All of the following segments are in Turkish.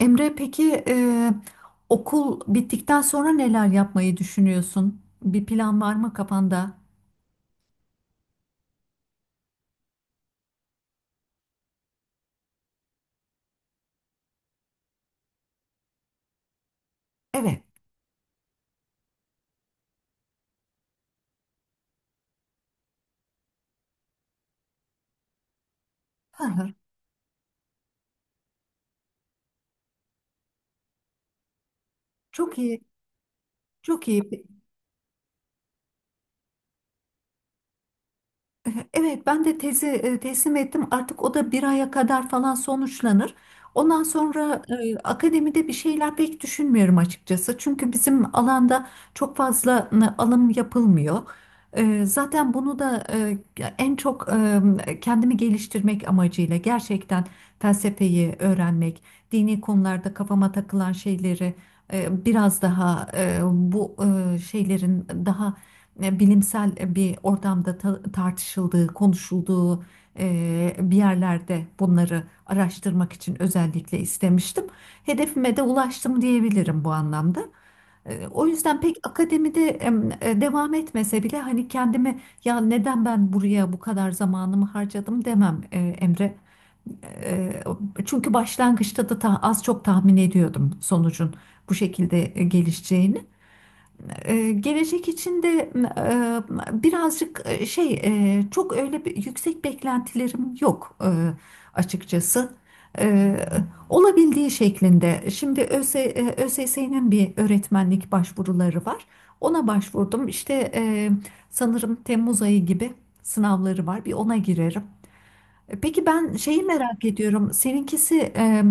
Emre peki okul bittikten sonra neler yapmayı düşünüyorsun? Bir plan var mı kafanda? Evet, çok iyi, çok iyi. Evet, ben de tezi teslim ettim. Artık o da bir aya kadar falan sonuçlanır. Ondan sonra akademide bir şeyler pek düşünmüyorum açıkçası. Çünkü bizim alanda çok fazla alım yapılmıyor. Zaten bunu da en çok kendimi geliştirmek amacıyla gerçekten felsefeyi öğrenmek, dini konularda kafama takılan şeyleri biraz daha bu şeylerin daha bilimsel bir ortamda tartışıldığı, konuşulduğu bir yerlerde bunları araştırmak için özellikle istemiştim. Hedefime de ulaştım diyebilirim bu anlamda. O yüzden pek akademide devam etmese bile hani kendimi ya neden ben buraya bu kadar zamanımı harcadım demem Emre. E, Çünkü başlangıçta da az çok tahmin ediyordum sonucun bu şekilde gelişeceğini. Gelecek için de birazcık çok öyle bir yüksek beklentilerim yok, açıkçası. E, Olabildiği şeklinde. Şimdi ÖSS'nin bir öğretmenlik başvuruları var. Ona başvurdum. İşte sanırım Temmuz ayı gibi sınavları var. Bir ona girerim. Peki ben şeyi merak ediyorum. Seninkisi e,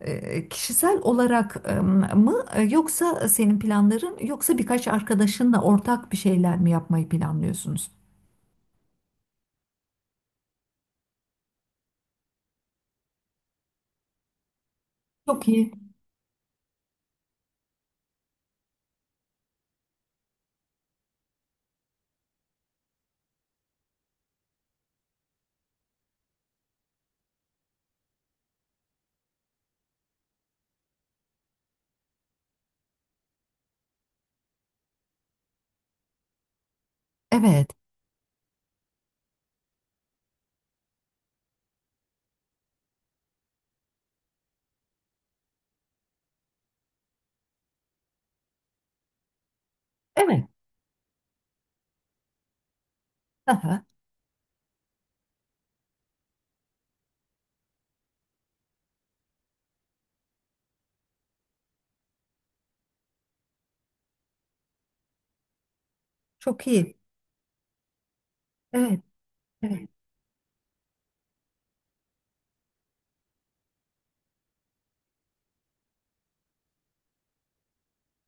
e, kişisel olarak mı yoksa senin planların yoksa birkaç arkadaşınla ortak bir şeyler mi yapmayı planlıyorsunuz? Çok iyi. Evet. Evet. Aha, çok iyi. Evet. Evet.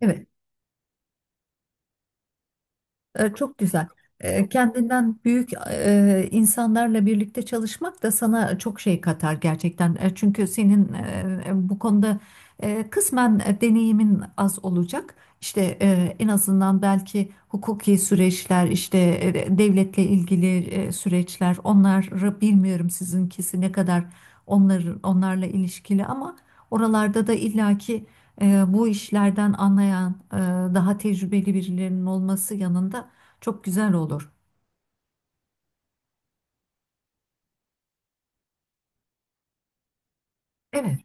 Evet. Çok güzel. Kendinden büyük insanlarla birlikte çalışmak da sana çok şey katar gerçekten. Çünkü senin bu konuda kısmen deneyimin az olacak. İşte en azından belki hukuki süreçler, işte devletle ilgili süreçler, onları bilmiyorum sizinkisi ne kadar onlarla ilişkili ama oralarda da illaki bu işlerden anlayan, daha tecrübeli birilerinin olması yanında çok güzel olur. Evet,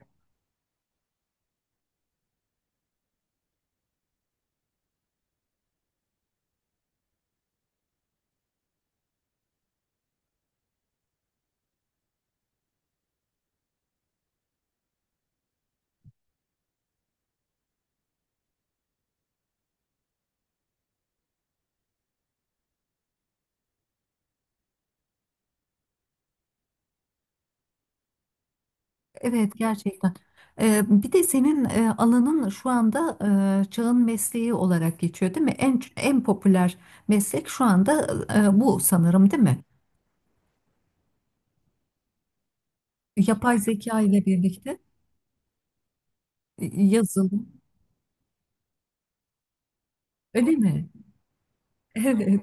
evet gerçekten. Bir de senin alanın şu anda çağın mesleği olarak geçiyor, değil mi? En popüler meslek şu anda bu sanırım, değil mi? Yapay zeka ile birlikte yazılım, öyle mi? Evet, evet,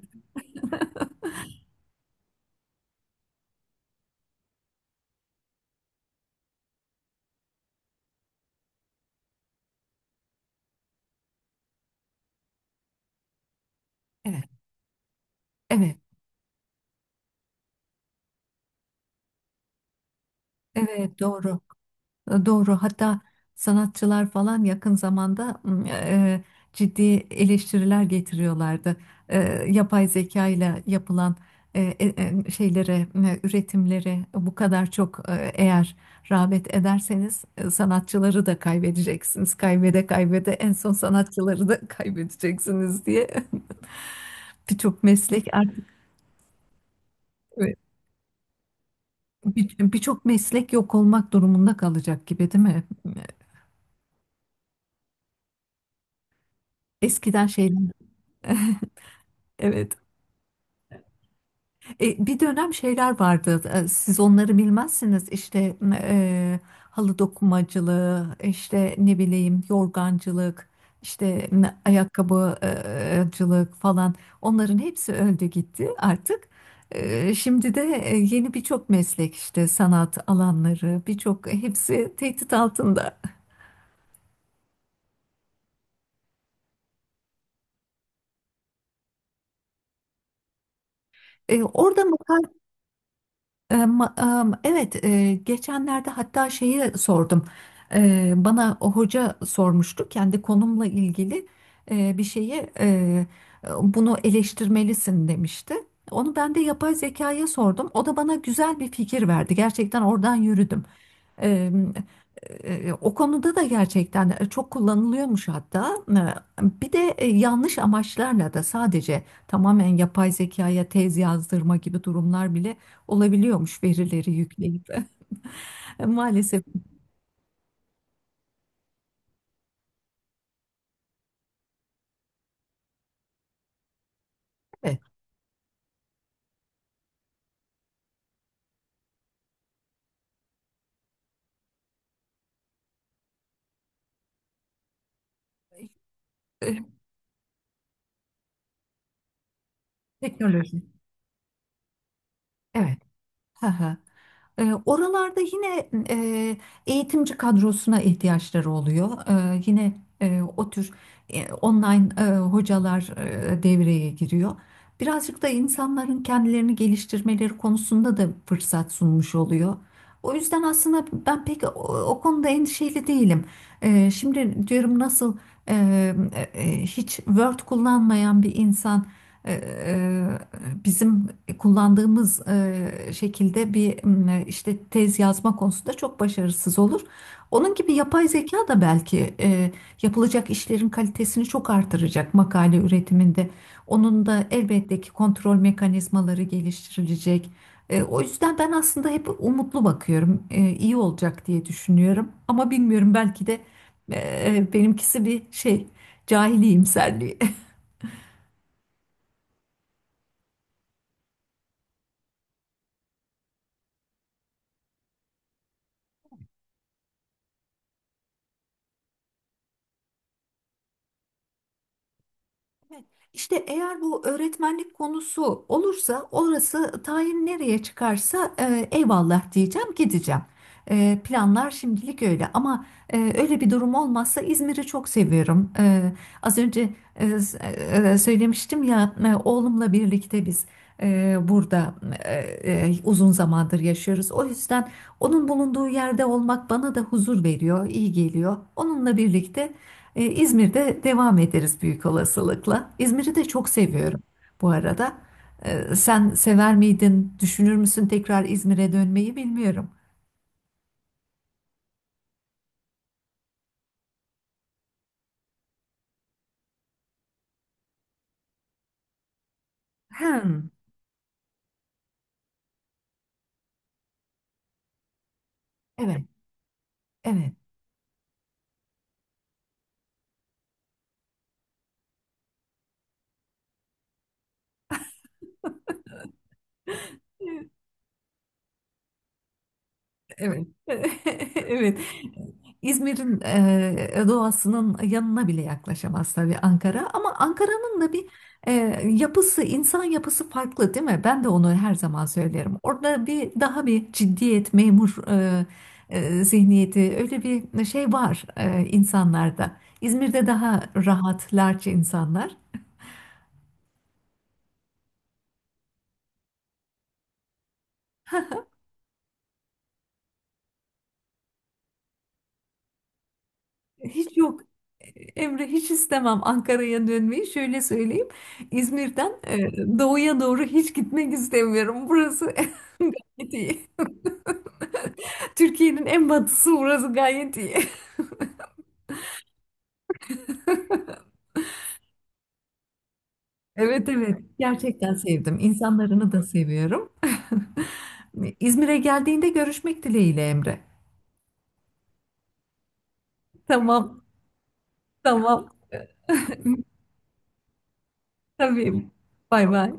evet, evet, doğru. Doğru. Hatta sanatçılar falan yakın zamanda ciddi eleştiriler getiriyorlardı. E, Yapay zeka ile yapılan e, e, şeylere, üretimlere bu kadar çok eğer rağbet ederseniz sanatçıları da kaybedeceksiniz. Kaybede kaybede en son sanatçıları da kaybedeceksiniz diye. Birçok meslek artık evet, birçok meslek yok olmak durumunda kalacak gibi değil mi? Eskiden şeyler Evet. Bir dönem şeyler vardı. Siz onları bilmezsiniz. İşte halı dokumacılığı, işte ne bileyim yorgancılık, işte ayakkabıcılık falan. Onların hepsi öldü gitti artık. Şimdi de yeni birçok meslek işte sanat alanları birçok hepsi tehdit altında. Orada mı? Evet, geçenlerde hatta şeyi sordum. Bana o hoca sormuştu kendi konumla ilgili bir şeyi bunu eleştirmelisin demişti. Onu ben de yapay zekaya sordum. O da bana güzel bir fikir verdi. Gerçekten oradan yürüdüm. Eee, O konuda da gerçekten çok kullanılıyormuş hatta. Bir de yanlış amaçlarla da sadece tamamen yapay zekaya tez yazdırma gibi durumlar bile olabiliyormuş verileri yükleyip. Maalesef evet, e, teknoloji. Evet. Hı hı. Oralarda yine eğitimci kadrosuna ihtiyaçları oluyor. Yine o tür online hocalar devreye giriyor. Birazcık da insanların kendilerini geliştirmeleri konusunda da fırsat sunmuş oluyor. O yüzden aslında ben pek o konuda endişeli değilim. Şimdi diyorum nasıl e, hiç Word kullanmayan bir insan ee, bizim kullandığımız şekilde bir işte tez yazma konusunda çok başarısız olur. Onun gibi yapay zeka da belki yapılacak işlerin kalitesini çok artıracak makale üretiminde. Onun da elbette ki kontrol mekanizmaları geliştirilecek. O yüzden ben aslında hep umutlu bakıyorum. İyi olacak diye düşünüyorum. Ama bilmiyorum belki de e, benimkisi bir şey cahili imserliği. Evet. İşte eğer bu öğretmenlik konusu olursa orası tayin nereye çıkarsa eyvallah diyeceğim gideceğim. Planlar şimdilik öyle ama öyle bir durum olmazsa İzmir'i çok seviyorum. Az önce söylemiştim ya oğlumla birlikte biz burada e, uzun zamandır yaşıyoruz. O yüzden onun bulunduğu yerde olmak bana da huzur veriyor, iyi geliyor. Onunla birlikte. İzmir'de devam ederiz büyük olasılıkla. İzmir'i de çok seviyorum bu arada. Sen sever miydin, düşünür müsün tekrar İzmir'e dönmeyi bilmiyorum. Hmm. Evet, evet. Evet. Evet. İzmir'in doğasının yanına bile yaklaşamaz tabii Ankara ama Ankara'nın da bir e, yapısı, insan yapısı farklı değil mi? Ben de onu her zaman söylerim. Orada bir daha bir ciddiyet, memur zihniyeti öyle bir şey var insanlarda. İzmir'de daha rahat, larç insanlar. Hiç yok Emre hiç istemem Ankara'ya dönmeyi. Şöyle söyleyeyim. İzmir'den doğuya doğru hiç gitmek istemiyorum. Burası gayet iyi. Türkiye'nin en batısı burası gayet iyi. Evet evet gerçekten sevdim. İnsanlarını da seviyorum. İzmir'e geldiğinde görüşmek dileğiyle Emre. Tamam tamam. Tabii. Bay bay.